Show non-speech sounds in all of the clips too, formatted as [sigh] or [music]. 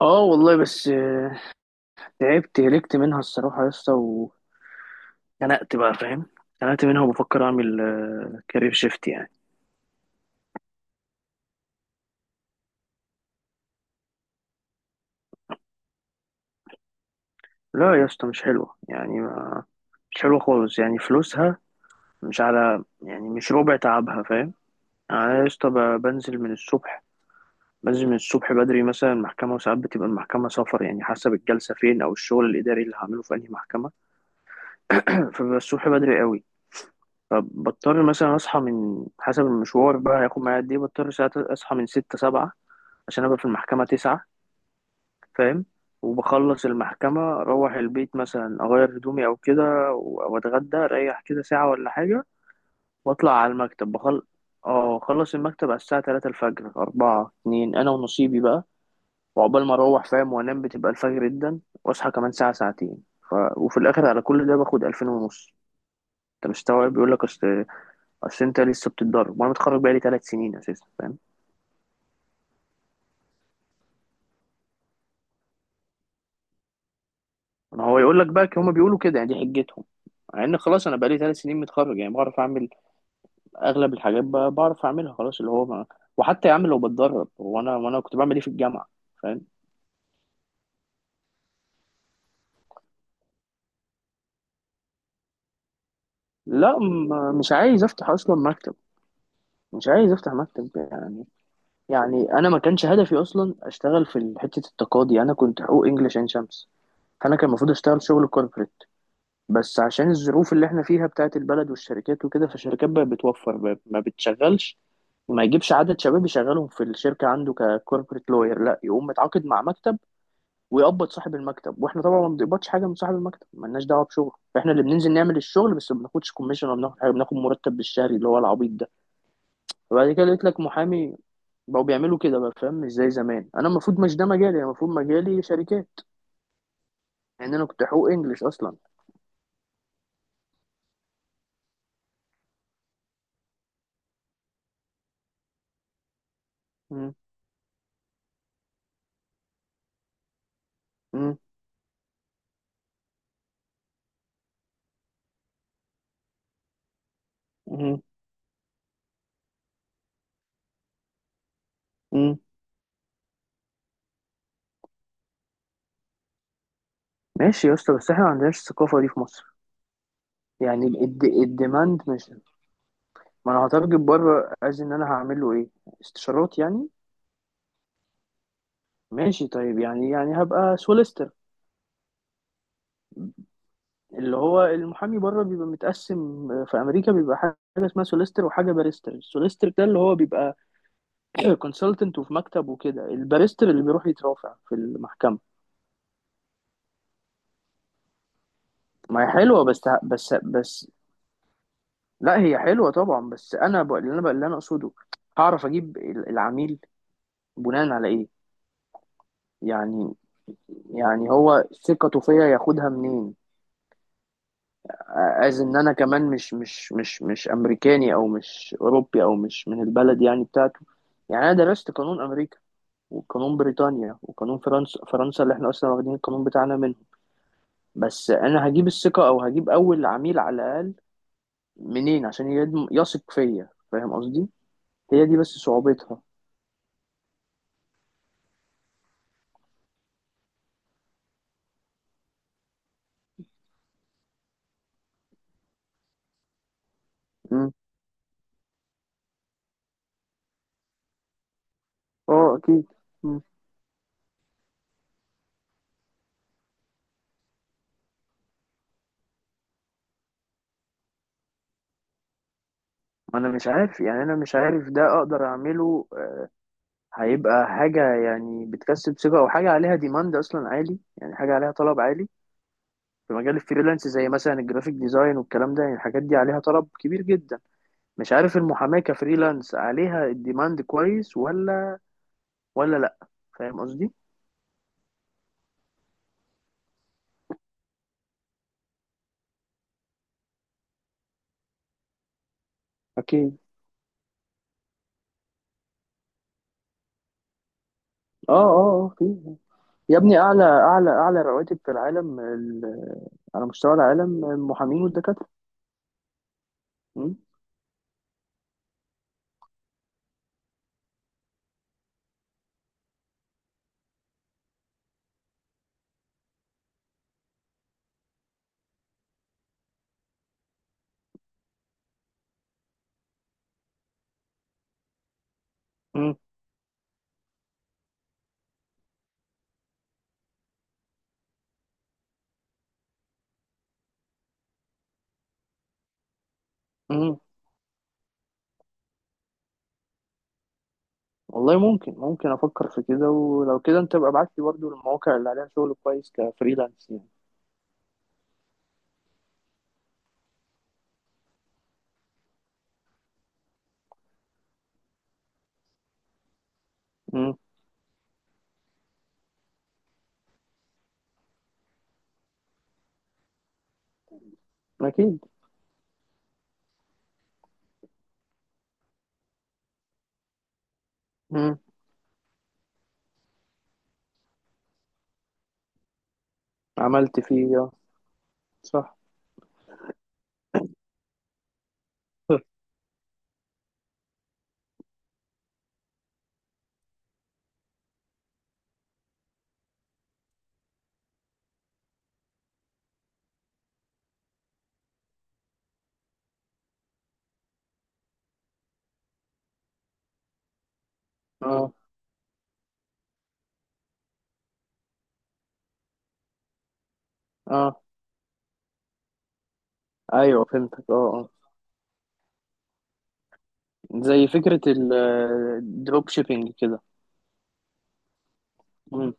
اه والله بس تعبت هلكت منها الصراحة يا اسطى واتخنقت. بقى فاهم. اتخنقت منها وبفكر اعمل كارير شيفت يعني. لا يا اسطى مش حلوة يعني مش حلوة خالص يعني فلوسها مش على يعني مش ربع تعبها فاهم. يعني انا يا اسطى بنزل من الصبح بدري مثلا المحكمة، وساعات بتبقى المحكمة سفر يعني حسب الجلسة فين أو الشغل الإداري اللي هعمله في أنهي محكمة. فببقى الصبح بدري قوي، فبضطر مثلا أصحى من حسب المشوار بقى هياخد معايا قد إيه، بضطر ساعات أصحى من 6 7 عشان ابقى في المحكمة 9. فاهم. وبخلص المحكمة اروح البيت مثلا اغير هدومي او كده، واتغدى اريح كده ساعة ولا حاجة. واطلع على المكتب بخل. اه اخلص المكتب على الساعة 3 الفجر اربعة اتنين انا ونصيبي بقى. وعقبال ما اروح فاهم وانام بتبقى الفجر جدا، واصحى كمان ساعة ساعتين. وفي الاخر على كل ده باخد 2500. انت مستوعب. بيقول لك اصل انت لسه بتتدرب، وانا متخرج بقالي 3 سنين اساسا فاهم. ما هو يقول لك بقى، هما بيقولوا كده، يعني دي حجتهم. مع ان خلاص انا بقالي 3 سنين متخرج، يعني بعرف اعمل اغلب الحاجات بقى، بعرف اعملها خلاص اللي هو ما. وحتى يا عم لو بتدرب، هو انا وانا كنت بعمل ايه في الجامعه. فاهم. لا مش عايز افتح اصلا مكتب. مش عايز افتح مكتب يعني. يعني انا ما كانش هدفي اصلا اشتغل في حته التقاضي. انا كنت حقوق انجلش عين شمس، فانا كان المفروض اشتغل شغل كوربريت. بس عشان الظروف اللي احنا فيها بتاعت البلد والشركات وكده، فالشركات بقت بتوفر ما بتشغلش، ما يجيبش عدد شباب يشغلهم في الشركة عنده ككوربريت لوير، لا يقوم متعاقد مع مكتب ويقبض صاحب المكتب. واحنا طبعا ما بنقبضش حاجة من صاحب المكتب، مالناش دعوة بشغل. احنا اللي بننزل نعمل الشغل، بس ما بناخدش كوميشن ولا بناخد حاجة، بناخد مرتب بالشهري اللي هو العبيط ده. فبعد كده قلت لك محامي بقوا بيعملوا كده بقى. فاهم. مش زي زمان. انا المفروض مش ده مجالي، انا المفروض مجالي شركات، لان انا كنت حقوق انجلش اصلا. م- م- م- م. ماشي يا اسطى، بس احنا ما عندناش الثقافة دي في مصر. يعني الديماند مش، ما انا هترجم بره از ان انا هعمل له ايه، استشارات يعني. ماشي طيب، هبقى سوليستر. اللي هو المحامي بره بيبقى متقسم، في امريكا بيبقى حاجه اسمها سوليستر وحاجه باريستر. السوليستر ده اللي هو بيبقى [clears throat] كونسلتنت وفي مكتب وكده، الباريستر اللي بيروح يترافع في المحكمه. ما هي حلوه بس. لا هي حلوه طبعا. بس انا بقى اللي انا بقى اللي انا اقصده، هعرف اجيب العميل بناء على ايه. يعني يعني هو ثقته فيا ياخدها منين، از ان انا كمان مش امريكاني، او مش اوروبي، او مش من البلد يعني بتاعته. يعني انا درست قانون امريكا وقانون بريطانيا وقانون فرنسا. اللي احنا اصلا واخدين القانون بتاعنا منه. بس انا هجيب الثقة، او هجيب اول عميل على الاقل منين، عشان يثق فيا فاهم قصدي. هي دي بس صعوبتها. مم. اه اكيد. مم. انا مش عارف، يعني انا مش عارف ده اقدر اعمله. هيبقى حاجة يعني بتكسب ثقة، أو حاجة عليها ديماند أصلا عالي، يعني حاجة عليها طلب عالي في مجال الفريلانس زي مثلا الجرافيك ديزاين والكلام ده. يعني الحاجات دي عليها طلب كبير جدا. مش عارف المحاماة كفريلانس عليها الديماند كويس ولا لأ. فاهم قصدي؟ أكيد اه اه اه في. يا ابني اعلى رواتب في العالم، على مستوى العالم المحامين والدكاتره. مم. مم. مم. والله ممكن افكر في كده. ولو كده انت ابقى ابعت لي برضه المواقع اللي عليها شغل كويس كفريلانس. مم. أكيد. مم. عملت فيه اه. صح. [laughs] اه اه أيوه فهمتك اه اه. زي فكرة الدروب شيبينج كده. مم.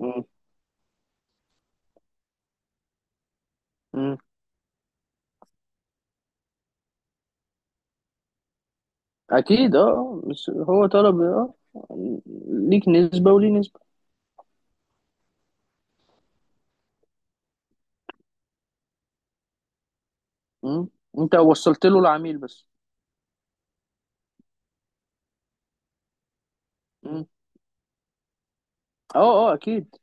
مم. مم. أكيد اه آه. بس هو طلب اه ليك نسبة وليه نسبة. مم. أنت وصلت له العميل بس. مم. اه اه أكيد.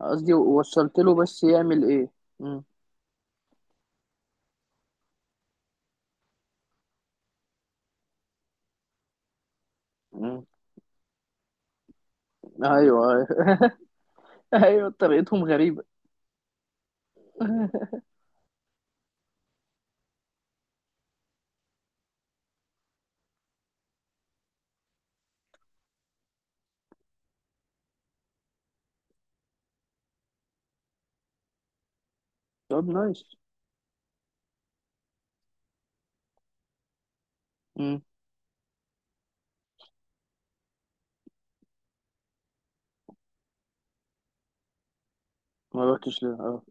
قصدي وصلت له بس يعمل إيه. مم. مم. أيوه أيوه. [laughs] أيوه طريقتهم غريبة. [laughs] طب نايس. مم. ما رحتش ليه اه.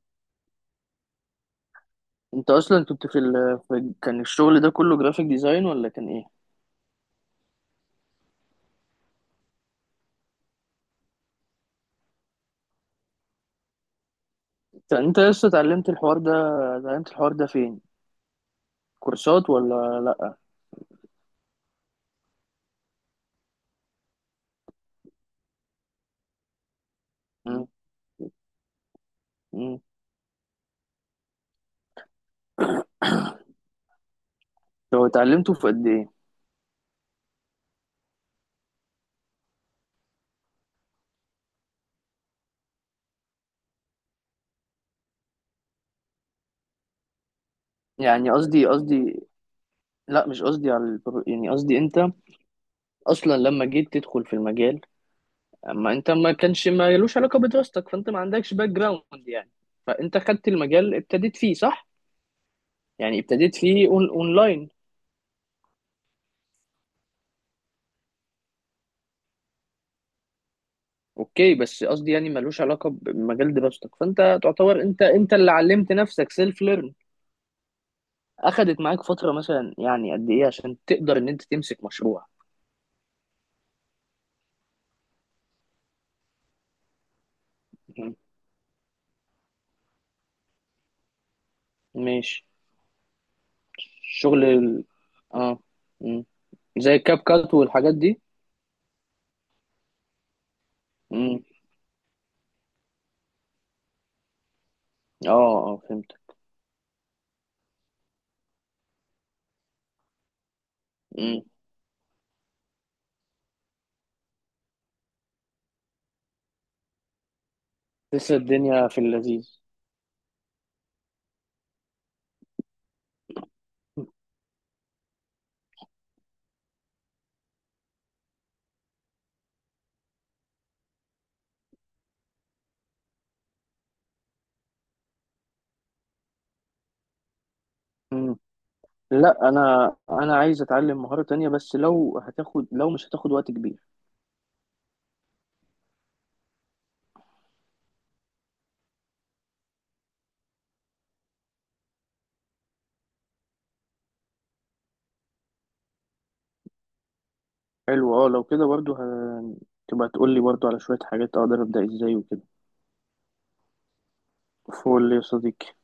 انت اصلا كنت في، كان الشغل ده كله جرافيك ديزاين ولا كان ايه؟ انت لسه اتعلمت الحوار ده. اتعلمت الحوار ده فين؟ كورسات ولا لا. مم. مم. لو اتعلمته في قد ايه؟ يعني قصدي قصدي لا مش قصدي على يعني قصدي انت اصلا لما جيت تدخل في المجال، اما انت ما كانش ما يلوش علاقة بدراستك، فانت ما عندكش باك جراوند يعني. فانت خدت المجال ابتديت فيه صح. يعني ابتديت فيه اونلاين. اوكي، بس قصدي يعني ملوش علاقه بمجال دراستك، فانت تعتبر انت اللي علمت نفسك سيلف ليرن. اخدت معاك فتره مثلا يعني قد ايه عشان تقدر ان انت تمسك مشروع؟ مم. ماشي. شغل اه. مم. زي الكاب كات والحاجات دي. مم. اه اه فهمت. مم. لسه الدنيا في اللذيذ. مم. لا انا عايز اتعلم مهارة تانية، بس لو هتاخد، لو مش هتاخد وقت كبير. حلو اه. لو كده برضو تبقى تقول لي برضو على شوية حاجات اقدر ابدأ ازاي وكده. فول يا صديقي.